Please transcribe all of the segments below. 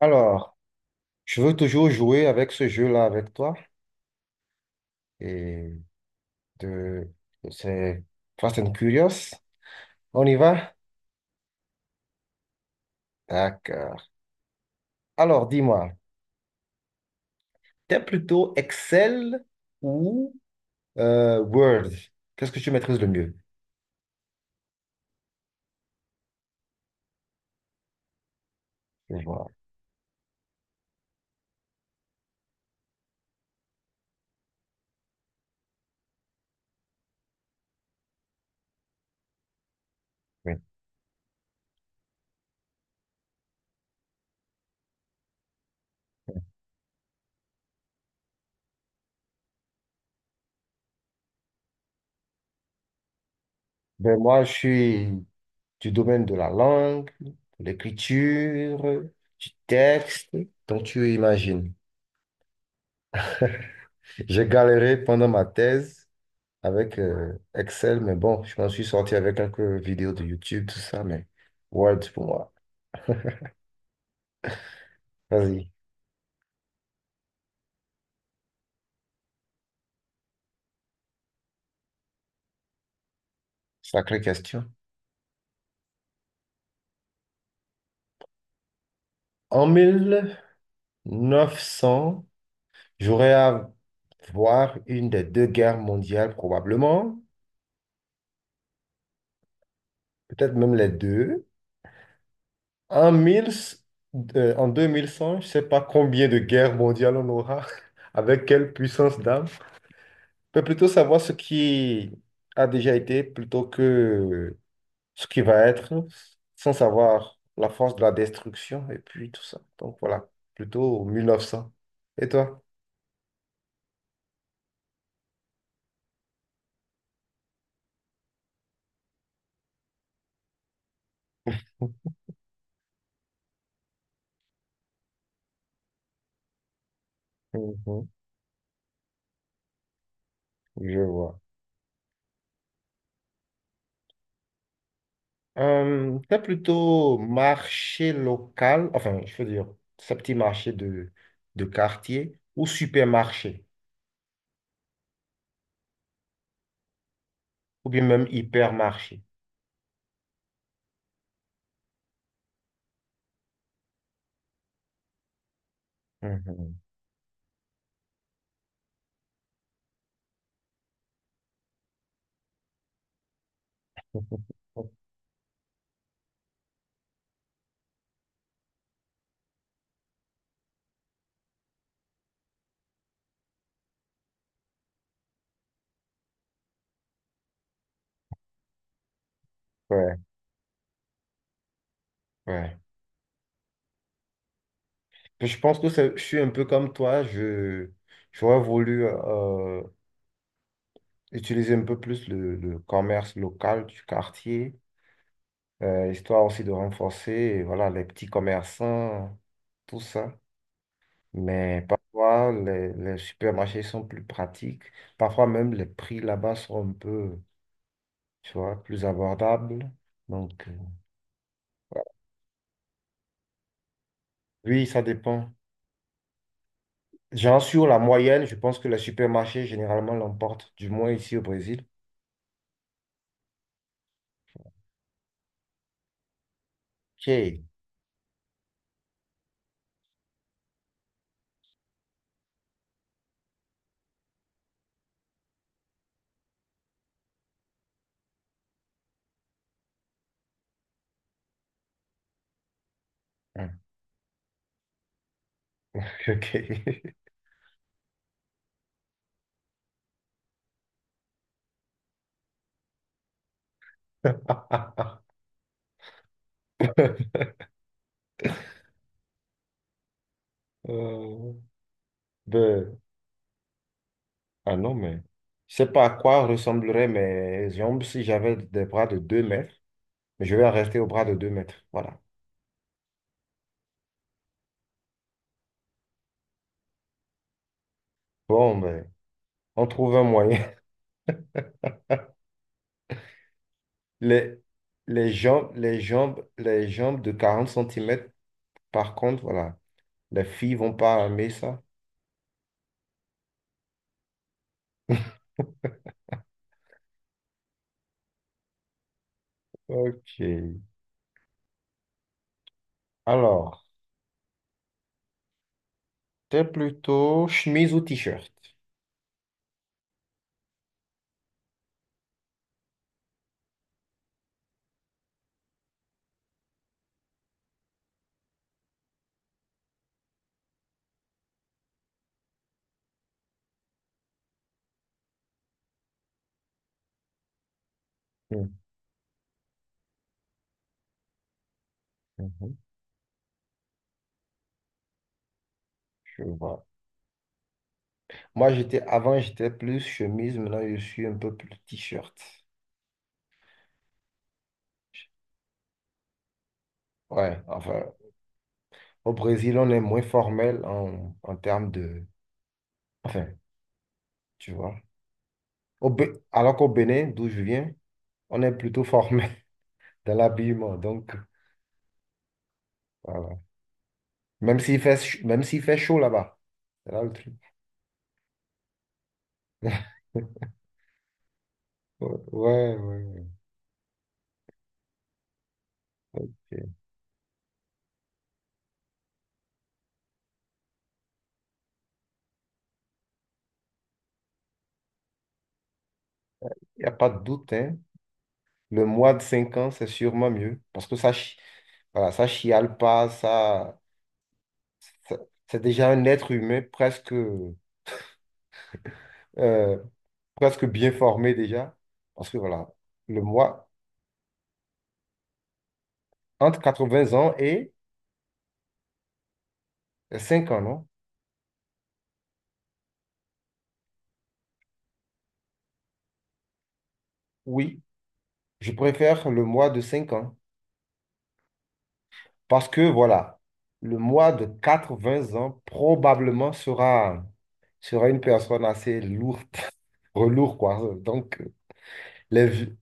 Alors, je veux toujours jouer avec ce jeu-là avec toi. Et de, c'est Fast and Curious. On y va? D'accord. Alors, dis-moi, t'es plutôt Excel ou Word? Qu'est-ce que tu maîtrises le mieux? Je vois, oui. Ben, moi, je suis du domaine de la langue, de l'écriture, du texte, donc tu imagines. J'ai galéré pendant ma thèse avec Excel, mais bon, je m'en suis sorti avec quelques vidéos de YouTube, tout ça, mais Word pour moi. Vas-y, sacrée question. En mille neuf cents j'aurais à voir une des deux guerres mondiales probablement, peut-être même les deux. En 1000, euh, En 2100 je ne sais pas combien de guerres mondiales on aura, avec quelle puissance d'âme. Je peux plutôt savoir ce qui a déjà été plutôt que ce qui va être sans savoir la force de la destruction et puis tout ça. Donc voilà, plutôt mille neuf cents. Et toi? Mhm, je vois. T'as plutôt marché local, enfin, je veux dire, ce petit marché de quartier ou supermarché, ou bien même hypermarché? Mhm. Ouais, ouais. Je pense que c'est- Je suis un peu comme toi. J'aurais voulu utiliser un peu plus le commerce local du quartier, histoire aussi de renforcer, voilà, les petits commerçants, tout ça. Mais parfois, les supermarchés sont plus pratiques. Parfois même, les prix là-bas sont un peu, tu vois, plus abordables. Donc, oui, ça dépend. Genre, sur la moyenne, je pense que les supermarchés, généralement, l'emportent, du moins ici au Brésil. OK. Ok. Euh, ben, Ah non, mais je sais pas à quoi ressembleraient mes jambes si j'avais des bras de deux mètres, mais je vais en rester aux bras de deux mètres. Voilà. Bon, ben, on trouve un moyen. Les, les jambes de quarante centimètres par contre, voilà, les filles vont pas aimer ça. Ok. Alors, c'est plutôt chemise ou t-shirt? Mhm, je vois. Moi, j'étais avant, j'étais plus chemise, maintenant je suis un peu plus t-shirt. Ouais, enfin, au Brésil, on est moins formel en, en termes de... Enfin, tu vois. Alors qu'au Bénin, d'où je viens, on est plutôt formel dans l'habillement. Donc, voilà. Même s'il fait chaud là-bas. C'est là le truc. Ouais, ouais, ouais. Ok. Il n'y a pas de doute, hein. Le mois de 5 ans, c'est sûrement mieux. Parce que ça, chi- Voilà, ça chiale pas, ça- c'est déjà un être humain presque, presque bien formé déjà. Parce que voilà, le mois entre 80 ans et 5 ans, non? Oui, je préfère le mois de 5 ans. Parce que voilà, le mois de 80 ans probablement sera une personne assez lourde, relourde, quoi. Donc, les... vi-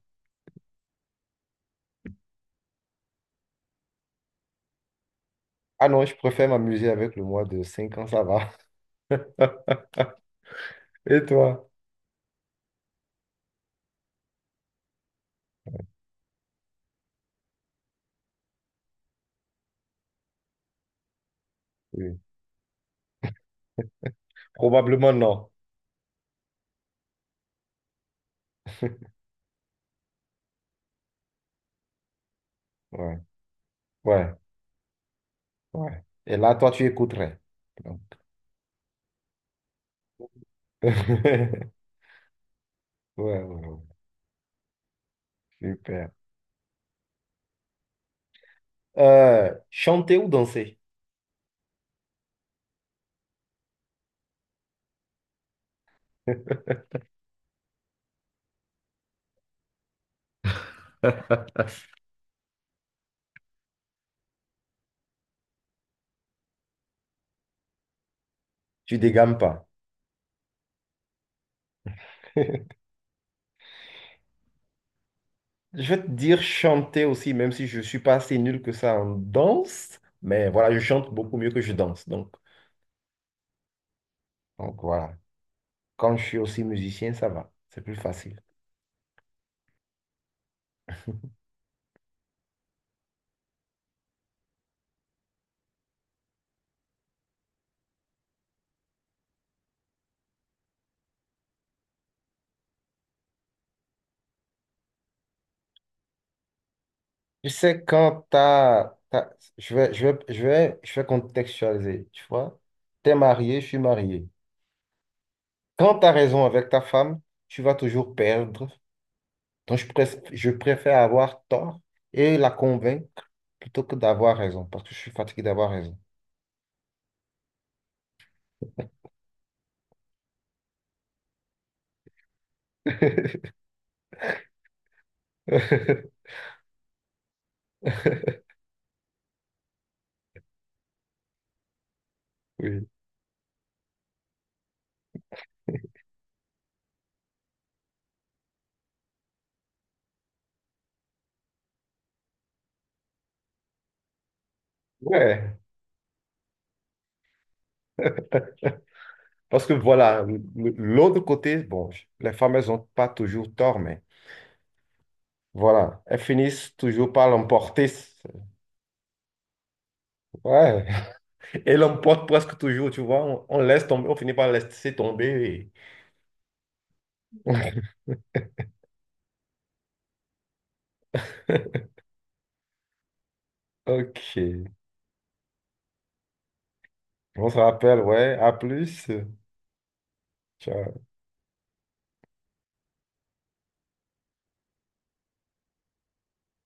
Ah non, je préfère m'amuser avec le mois de 5 ans, ça va. Et toi? Oui. Probablement non. Ouais. Ouais. Ouais. Et là, toi, tu écouterais. Donc. Ouais, ouais, ouais. Super. Chanter ou danser? Tu dégames pas. Je vais te dire chanter aussi, même si je suis pas assez nul que ça en danse. Mais voilà, je chante beaucoup mieux que je danse. Donc voilà. Quand je suis aussi musicien, ça va. C'est plus facile. Tu sais, je vais contextualiser, tu vois. T'es marié, je suis marié. Quand tu as raison avec ta femme, tu vas toujours perdre. Donc, je préfère avoir tort et la convaincre plutôt que d'avoir raison, parce que je suis fatigué d'avoir raison. Oui. Ouais. Parce que voilà, l'autre côté, les femmes, elles n'ont pas toujours tort, mais voilà, elles finissent toujours par l'emporter. Ouais. Et l'emportent presque toujours, tu vois. On laisse tomber, on finit par laisser tomber. et- Ok. On se rappelle, ouais. À plus. Ciao.